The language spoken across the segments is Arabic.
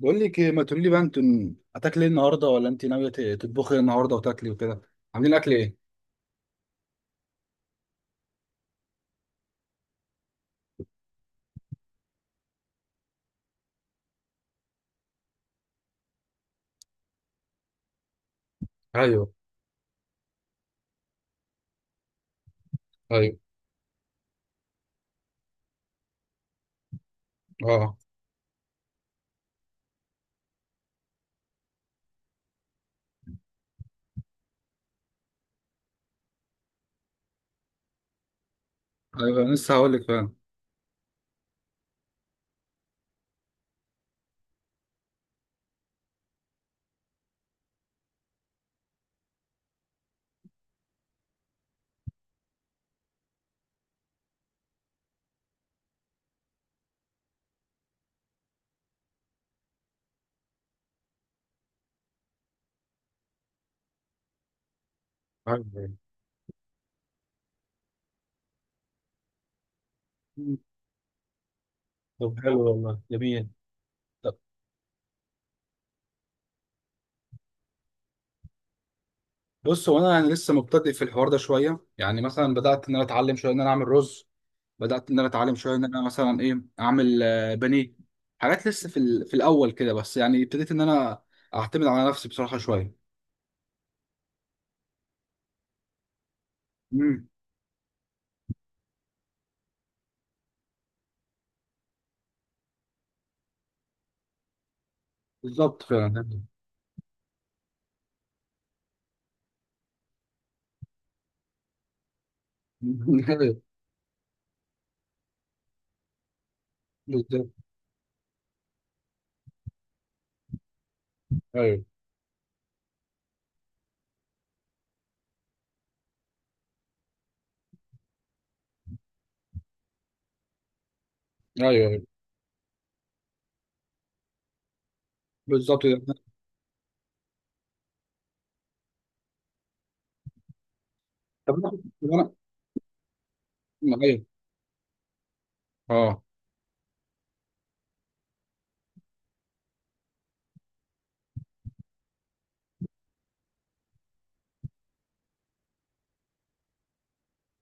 بقول لك إيه؟ ما تقولي لي بقى، انتوا هتاكلي ايه النهارده، ولا انت ناويه تطبخي ايه النهارده وتاكلي وكده؟ عاملين اكل ايه؟ ايوه. ايوه. اه. ايوه، أنا لسه هقول لك فعلا. ايوه. مم. طب حلو والله، جميل. طب، بص هو انا يعني لسه مبتدئ في الحوار ده شويه. يعني مثلا بدات ان انا اتعلم شويه ان انا اعمل رز، بدات ان انا اتعلم شويه ان انا مثلا ايه اعمل بانيه. حاجات لسه في في الاول كده، بس يعني ابتديت ان انا اعتمد على نفسي بصراحه شويه. امم. بالظبط فعلا. ايوه. بالظبط. ايوه. ايوه. بالظبط كده. طب انا. ايوه. اه.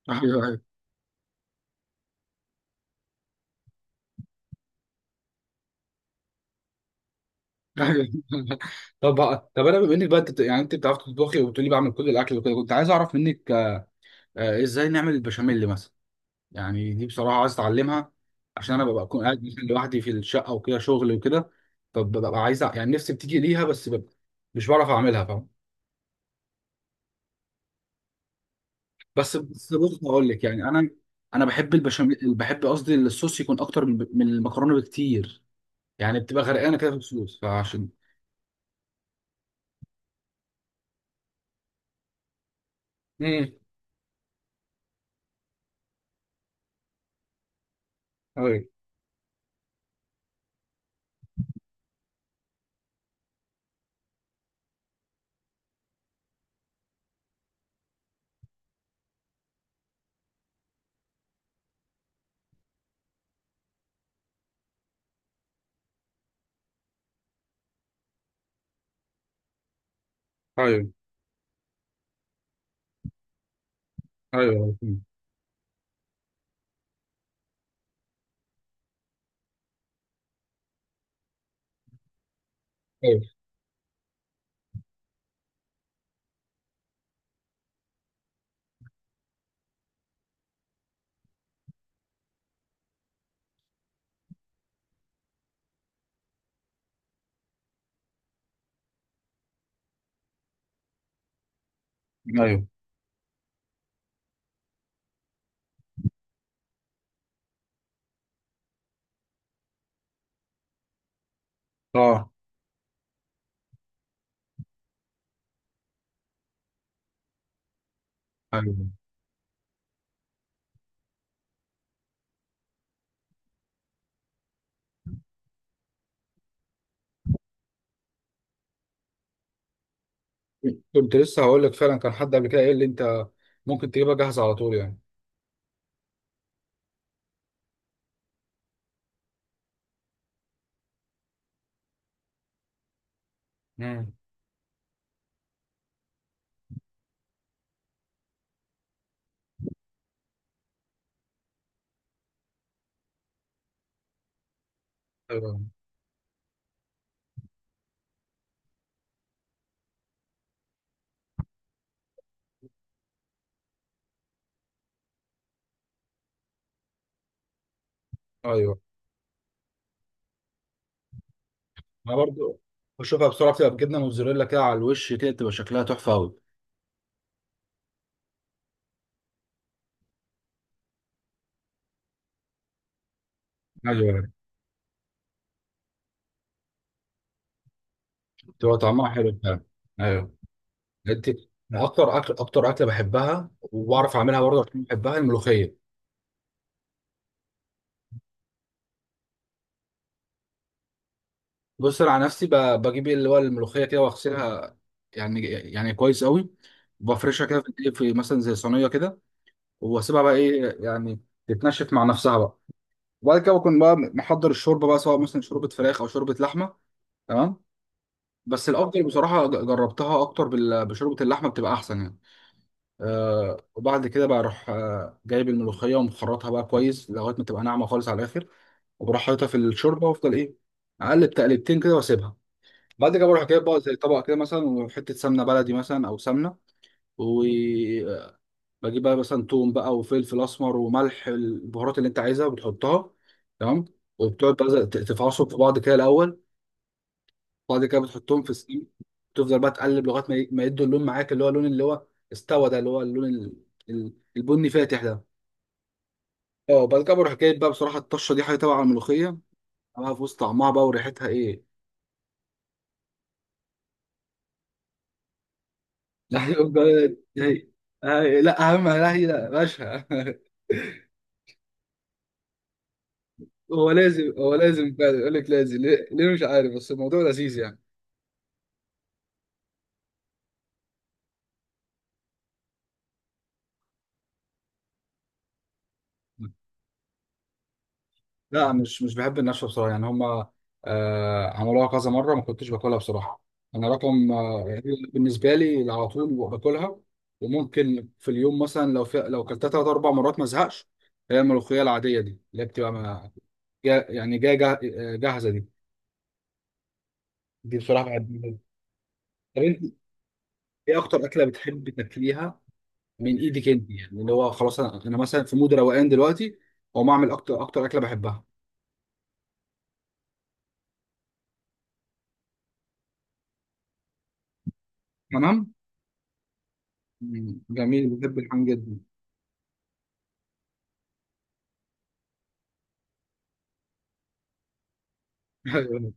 ايوه. ايوه. ايوه. طب، انا بما انك بقى انت يعني انت بتعرف تطبخي وبتقولي بعمل كل الاكل وكده، كنت عايز اعرف منك ازاي نعمل البشاميل مثلا. يعني دي بصراحه عايز اتعلمها، عشان انا ببقى اكون قاعد مثلا لوحدي في الشقه وكده شغل وكده. فببقى عايز يعني نفسي بتيجي ليها بس ببقى مش بعرف اعملها، فاهم؟ بس بس بص هقول لك يعني انا، انا بحب البشاميل، بحب قصدي الصوص يكون اكتر من المكرونه بكتير. يعني بتبقى غرقانه كده في الصوص، فعشان. امم. ايوه. ايوه. ايوه. مم. ايوه. ايوه. اه. ايوه. كنت لسه هقول لك فعلا، كان حد قبل كده قال لي انت ممكن تجيبها جاهزه على طول يعني. امم. ايوه. ايوه. انا برضو بشوفها بسرعه بتبقى بجبنه موتزاريلا كده على الوش، كده تبقى شكلها تحفه قوي. ايوه. بتبقى طعمها حلو فعلا. ايوه. انت، اكتر اكله بحبها وبعرف اعملها برضه عشان بحبها، الملوخيه. بص انا على نفسي بجيب اللي هو الملوخيه كده واغسلها يعني كويس قوي، وبفرشها كده في الدقيق في مثلا زي صينيه كده، واسيبها بقى ايه يعني تتنشف مع نفسها بقى. وبعد كده بكون بقى محضر الشوربه بقى، سواء مثلا شوربه فراخ او شوربه لحمه. تمام. بس الافضل بصراحه، جربتها اكتر بشوربه اللحمه، بتبقى احسن يعني. وبعد كده بقى اروح جايب الملوخيه ومخرطها بقى كويس لغايه ما تبقى ناعمه خالص على الاخر. وبروح حاططها في الشوربه وافضل ايه، اقلب تقلبتين كده واسيبها. بعد كده بروح جايب بقى زي طبق كده مثلا، وحته سمنه بلدي مثلا او سمنه. وبجيب بقى مثلا توم بقى وفلفل اسمر وملح، البهارات اللي انت عايزها بتحطها. تمام. وبتقعد بقى تفعصهم في بعض كده الاول. بعد كده بتحطهم في السمنه. تفضل بقى تقلب لغايه ما ما يدوا اللون معاك، اللي هو اللون اللي هو استوى ده، اللي هو اللون البني فاتح ده. اه. بعد كده بروح جايب بقى بصراحه الطشه، دي حاجه تبع الملوخيه بقى، في وسط طعمها بقى وريحتها ايه. لا، لا اهم، لا هي لا باشا. هو لازم، هو لازم فعلا يقول لك لازم، ليه؟ ليه مش عارف، بس الموضوع لذيذ يعني. لا، مش مش بحب النشوة بصراحة، يعني هما عملوها كذا مرة ما كنتش باكلها بصراحة. أنا رقم يعني، بالنسبة لي على طول باكلها. وممكن في اليوم مثلا، لو في لو كلتها تلات أربع مرات ما زهقش. هي الملوخية العادية دي اللي هي بتبقى يعني جاية جاهزة، دي دي بصراحة بحبها. طب أنت، إيه أكتر أكلة بتحب تاكليها من ايدك انت؟ يعني اللي هو خلاص انا، أنا مثلا في مود روقان دلوقتي واقوم اعمل اكتر اكله بحبها. تمام. مم، جميل. بحب الحمام جدا. ايوه.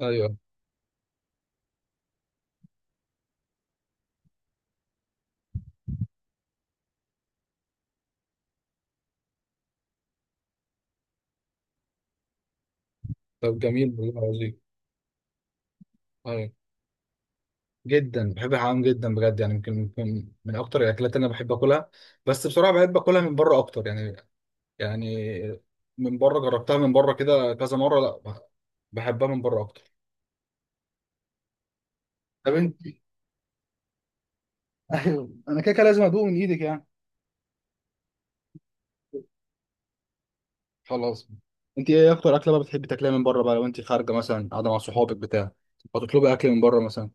ايوه. طب جميل والله عظيم. ايوه. جدا بحب الحمام جدا بجد يعني، يمكن من اكتر الاكلات اللي انا بحب اكلها. بس بصراحه بحب اكلها من بره اكتر يعني. يعني من بره جربتها من بره كده كذا مره، لا، بحبها من بره اكتر. طب انت. ايوه، انا كده كده لازم ادوق من ايدك يعني. خلاص. انت ايه اكتر اكله بقى بتحبي تاكليها من بره بقى، لو انت خارجه مثلا قاعده مع صحابك بتاع؟ هتطلبي اكل من بره مثلا؟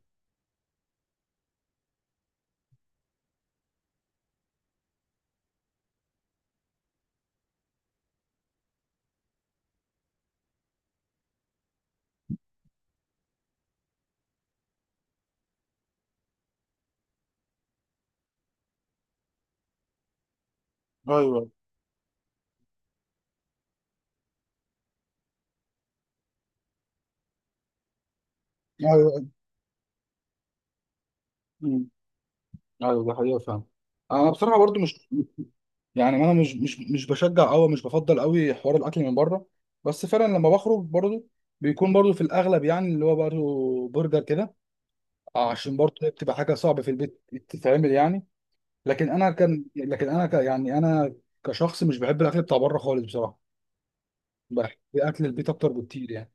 ايوه. ايوه. مم. ايوه ده حقيقه فعلا. انا بصراحه برضو مش، يعني انا مش بشجع قوي، مش بفضل قوي حوار الاكل من بره. بس فعلا لما بخرج برضو، بيكون برضو في الاغلب يعني اللي هو برضو برجر كده. عشان برضو هي بتبقى حاجه صعبه في البيت تتعمل يعني. لكن انا كان لكن انا ك يعني انا كشخص مش بحب الاكل بتاع بره خالص بصراحه. بحب اكل البيت اكتر بكتير يعني.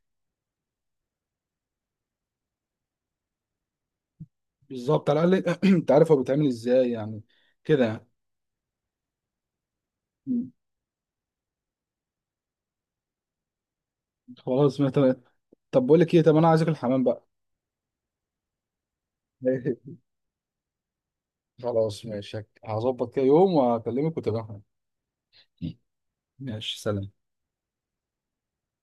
بالظبط، على الاقل انت عارف هو بيتعمل ازاي يعني، كده. يعني. خلاص، ما تمام. طب بقول لك ايه، طب انا عايز اكل حمام بقى. خلاص ماشي، هظبط كده يوم وهكلمك وتبقى. ماشي، سلام.